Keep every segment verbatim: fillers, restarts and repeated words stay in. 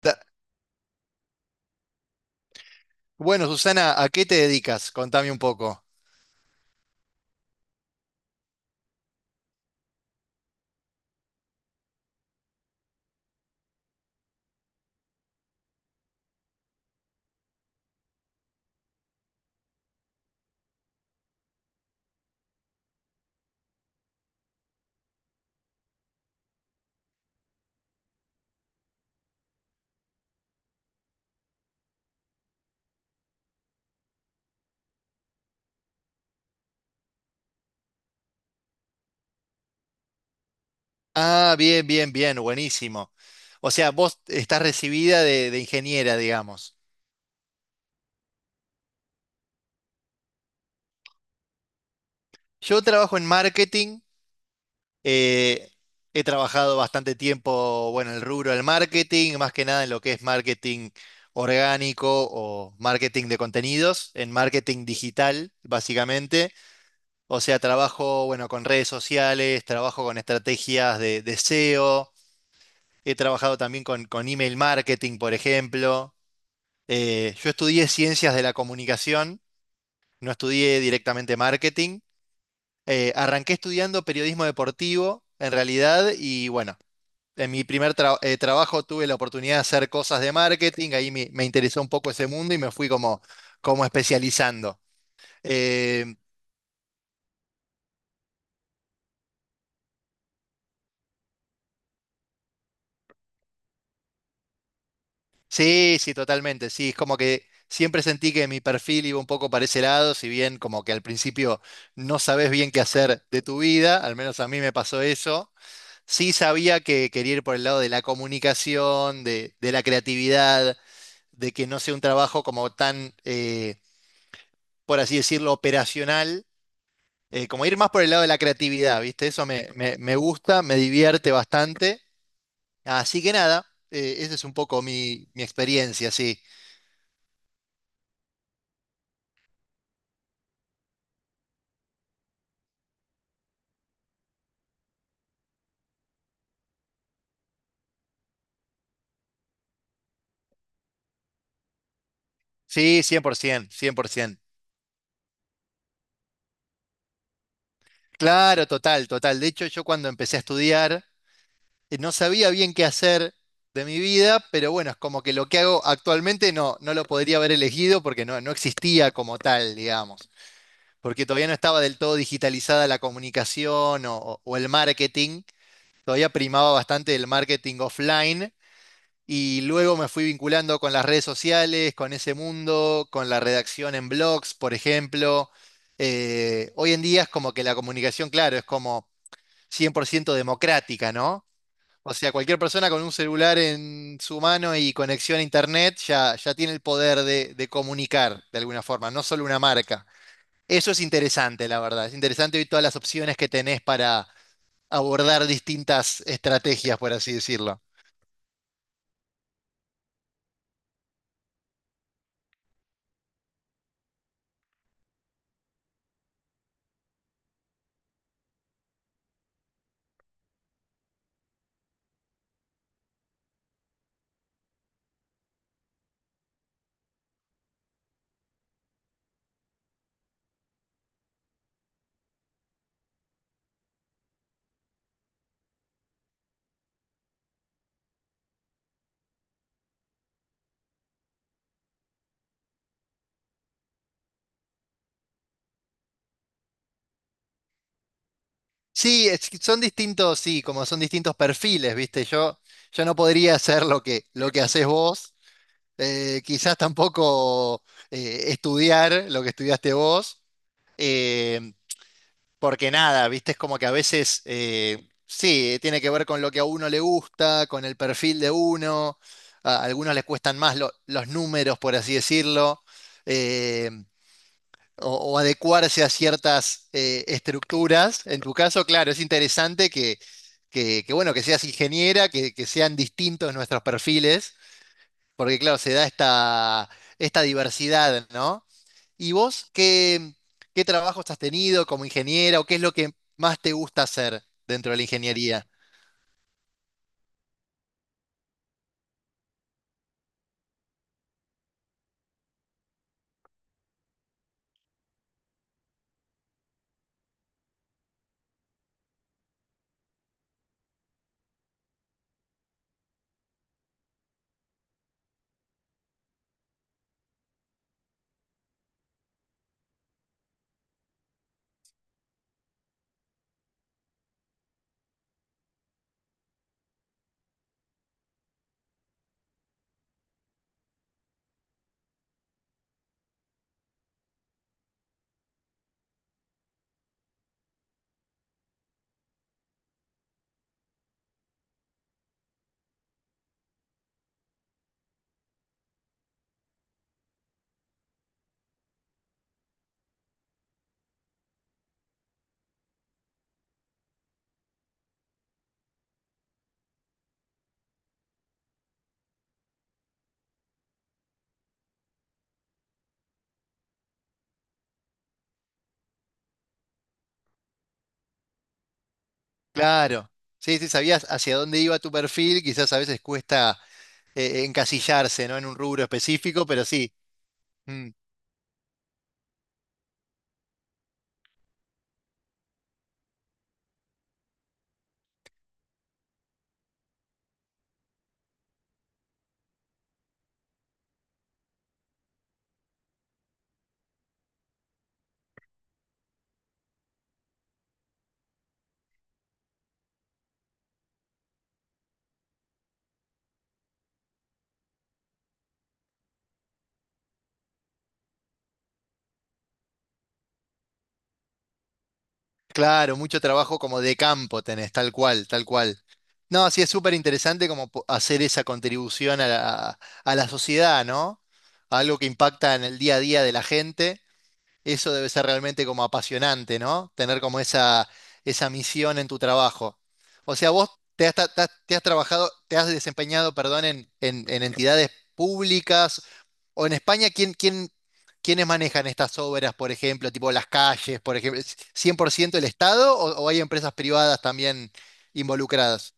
Ta- Bueno, Susana, ¿a qué te dedicas? Contame un poco. Ah, bien, bien, bien, buenísimo. O sea, vos estás recibida de, de ingeniera, digamos. Yo trabajo en marketing. eh, He trabajado bastante tiempo, bueno, en el rubro del marketing, más que nada en lo que es marketing orgánico o marketing de contenidos, en marketing digital, básicamente. O sea, trabajo, bueno, con redes sociales, trabajo con estrategias de de S E O. He trabajado también con, con email marketing, por ejemplo. Eh, yo estudié ciencias de la comunicación, no estudié directamente marketing. Eh, arranqué estudiando periodismo deportivo, en realidad, y bueno, en mi primer tra- eh, trabajo tuve la oportunidad de hacer cosas de marketing. Ahí me, me interesó un poco ese mundo y me fui como, como especializando. Eh, Sí, sí, totalmente. Sí, es como que siempre sentí que mi perfil iba un poco para ese lado, si bien como que al principio no sabes bien qué hacer de tu vida, al menos a mí me pasó eso. Sí sabía que quería ir por el lado de la comunicación, de, de la creatividad, de que no sea un trabajo como tan, eh, por así decirlo, operacional, eh, como ir más por el lado de la creatividad, ¿viste? Eso me, me- me gusta, me divierte bastante. Así que nada, eh, esa es un poco mi, mi experiencia, sí. Sí, cien cien, por ciento, cien por cien por ciento. Claro, total, total. De hecho, yo cuando empecé a estudiar, eh, no sabía bien qué hacer de mi vida, pero bueno, es como que lo que hago actualmente no, no lo podría haber elegido porque no, no existía como tal, digamos, porque todavía no estaba del todo digitalizada la comunicación o, o- o el marketing. Todavía primaba bastante el marketing offline. Y luego me fui vinculando con las redes sociales, con ese mundo, con la redacción en blogs, por ejemplo. Eh, hoy en día es como que la comunicación, claro, es como cien por ciento democrática, ¿no? O sea, cualquier persona con un celular en su mano y conexión a internet ya, ya tiene el poder de, de comunicar de alguna forma, no solo una marca. Eso es interesante, la verdad. Es interesante hoy todas las opciones que tenés para abordar distintas estrategias, por así decirlo. Sí, es que son distintos, sí, como son distintos perfiles, ¿viste? Yo, yo no podría hacer lo que, lo que haces vos, eh, quizás tampoco eh, estudiar lo que estudiaste vos, eh, porque nada, ¿viste? Es como que a veces, eh, sí, tiene que ver con lo que a uno le gusta, con el perfil de uno, a algunos les cuestan más lo- los números, por así decirlo. eh, o, o adecuarse a ciertas eh, estructuras. En tu caso, claro, es interesante que, que, que, bueno, que seas ingeniera, que, que sean distintos nuestros perfiles, porque claro, se da esta, esta diversidad, ¿no? ¿Y vos qué, qué trabajos has tenido como ingeniera o qué es lo que más te gusta hacer dentro de la ingeniería? Claro, sí, sí, sabías hacia dónde iba tu perfil, quizás a veces cuesta eh, encasillarse, ¿no? En un rubro específico, pero sí. Mm. Claro, mucho trabajo como de campo tenés, tal cual, tal cual. No, sí, es súper interesante como po- hacer esa contribución a la, a la sociedad, ¿no? Algo que impacta en el día a día de la gente. Eso debe ser realmente como apasionante, ¿no? Tener como esa, esa misión en tu trabajo. O sea, vos te has, ta- ta- te has trabajado, te has desempeñado, perdón, en, en- en entidades públicas o en España, ¿quién, quién, quiénes manejan estas obras, por ejemplo, tipo las calles, por ejemplo? ¿Es cien por ciento el Estado o, o hay empresas privadas también involucradas?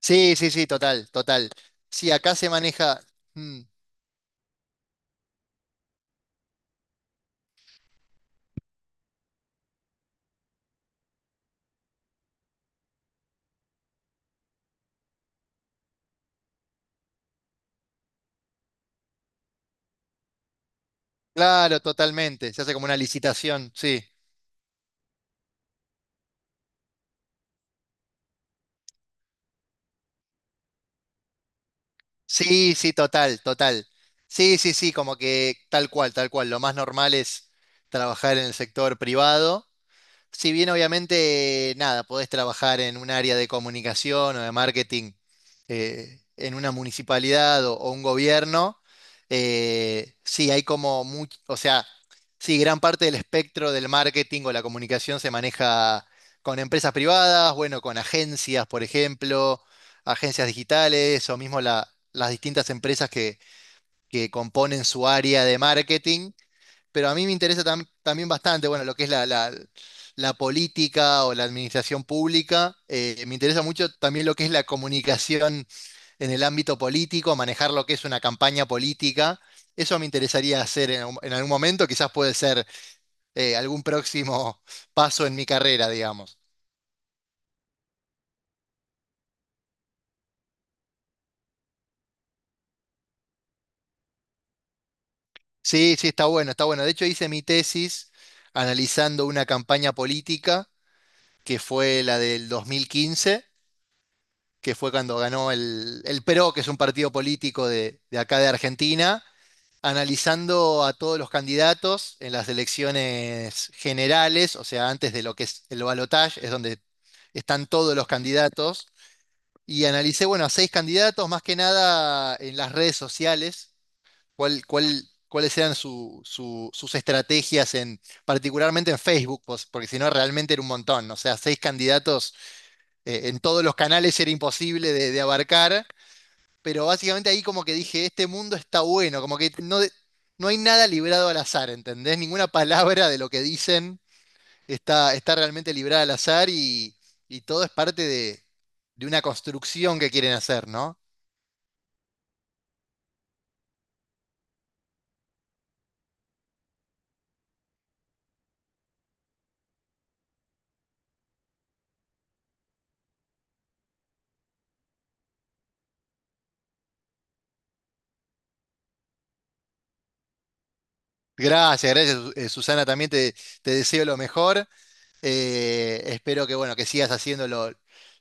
Sí, sí, sí, total, total. Sí, acá se maneja, mm, claro, totalmente, se hace como una licitación, sí. Sí, sí, total, total. Sí, sí, sí, como que tal cual, tal cual. Lo más normal es trabajar en el sector privado. Si bien obviamente, nada, podés trabajar en un área de comunicación o de marketing eh, en una municipalidad o, o un gobierno, eh, sí, hay como mucho, o sea, sí, gran parte del espectro del marketing o la comunicación se maneja con empresas privadas, bueno, con agencias, por ejemplo, agencias digitales o mismo la- las distintas empresas que, que componen su área de marketing, pero a mí me interesa tam- también bastante, bueno, lo que es la, la- la política o la administración pública. Eh, me interesa mucho también lo que es la comunicación en el ámbito político, manejar lo que es una campaña política. Eso me interesaría hacer en, algún en algún momento, quizás puede ser eh, algún próximo paso en mi carrera, digamos. Sí, sí, está bueno, está bueno. De hecho, hice mi tesis analizando una campaña política que fue la del dos mil quince, que fue cuando ganó el, el PRO, que es un partido político de, de acá de Argentina, analizando a todos los candidatos en las elecciones generales, o sea, antes de lo que es el balotaje, es donde están todos los candidatos, y analicé, bueno, a seis candidatos, más que nada en las redes sociales, cuál, cuál, cuáles eran su, su, sus estrategias, en, particularmente en Facebook, pues, porque si no realmente era un montón, o sea, seis candidatos eh, en todos los canales era imposible de, de abarcar, pero básicamente ahí como que dije, este mundo está bueno, como que no, de- no hay nada librado al azar, ¿entendés? Ninguna palabra de lo que dicen está, está realmente librada al azar y, y todo es parte de, de una construcción que quieren hacer, ¿no? Gracias, gracias, Su- eh, Susana, también te, te deseo lo mejor. Eh, espero que, bueno, que sigas haciendo lo,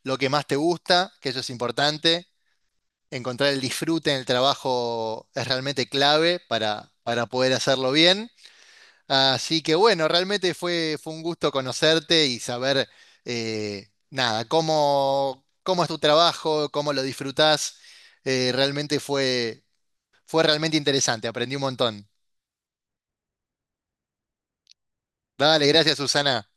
lo que más te gusta, que eso es importante. Encontrar el disfrute en el trabajo es realmente clave para, para poder hacerlo bien. Así que bueno, realmente fue, fue un gusto conocerte y saber, eh, nada, cómo, cómo es tu trabajo, cómo lo disfrutás. Eh, realmente fue, fue realmente interesante, aprendí un montón. Dale, gracias, Susana.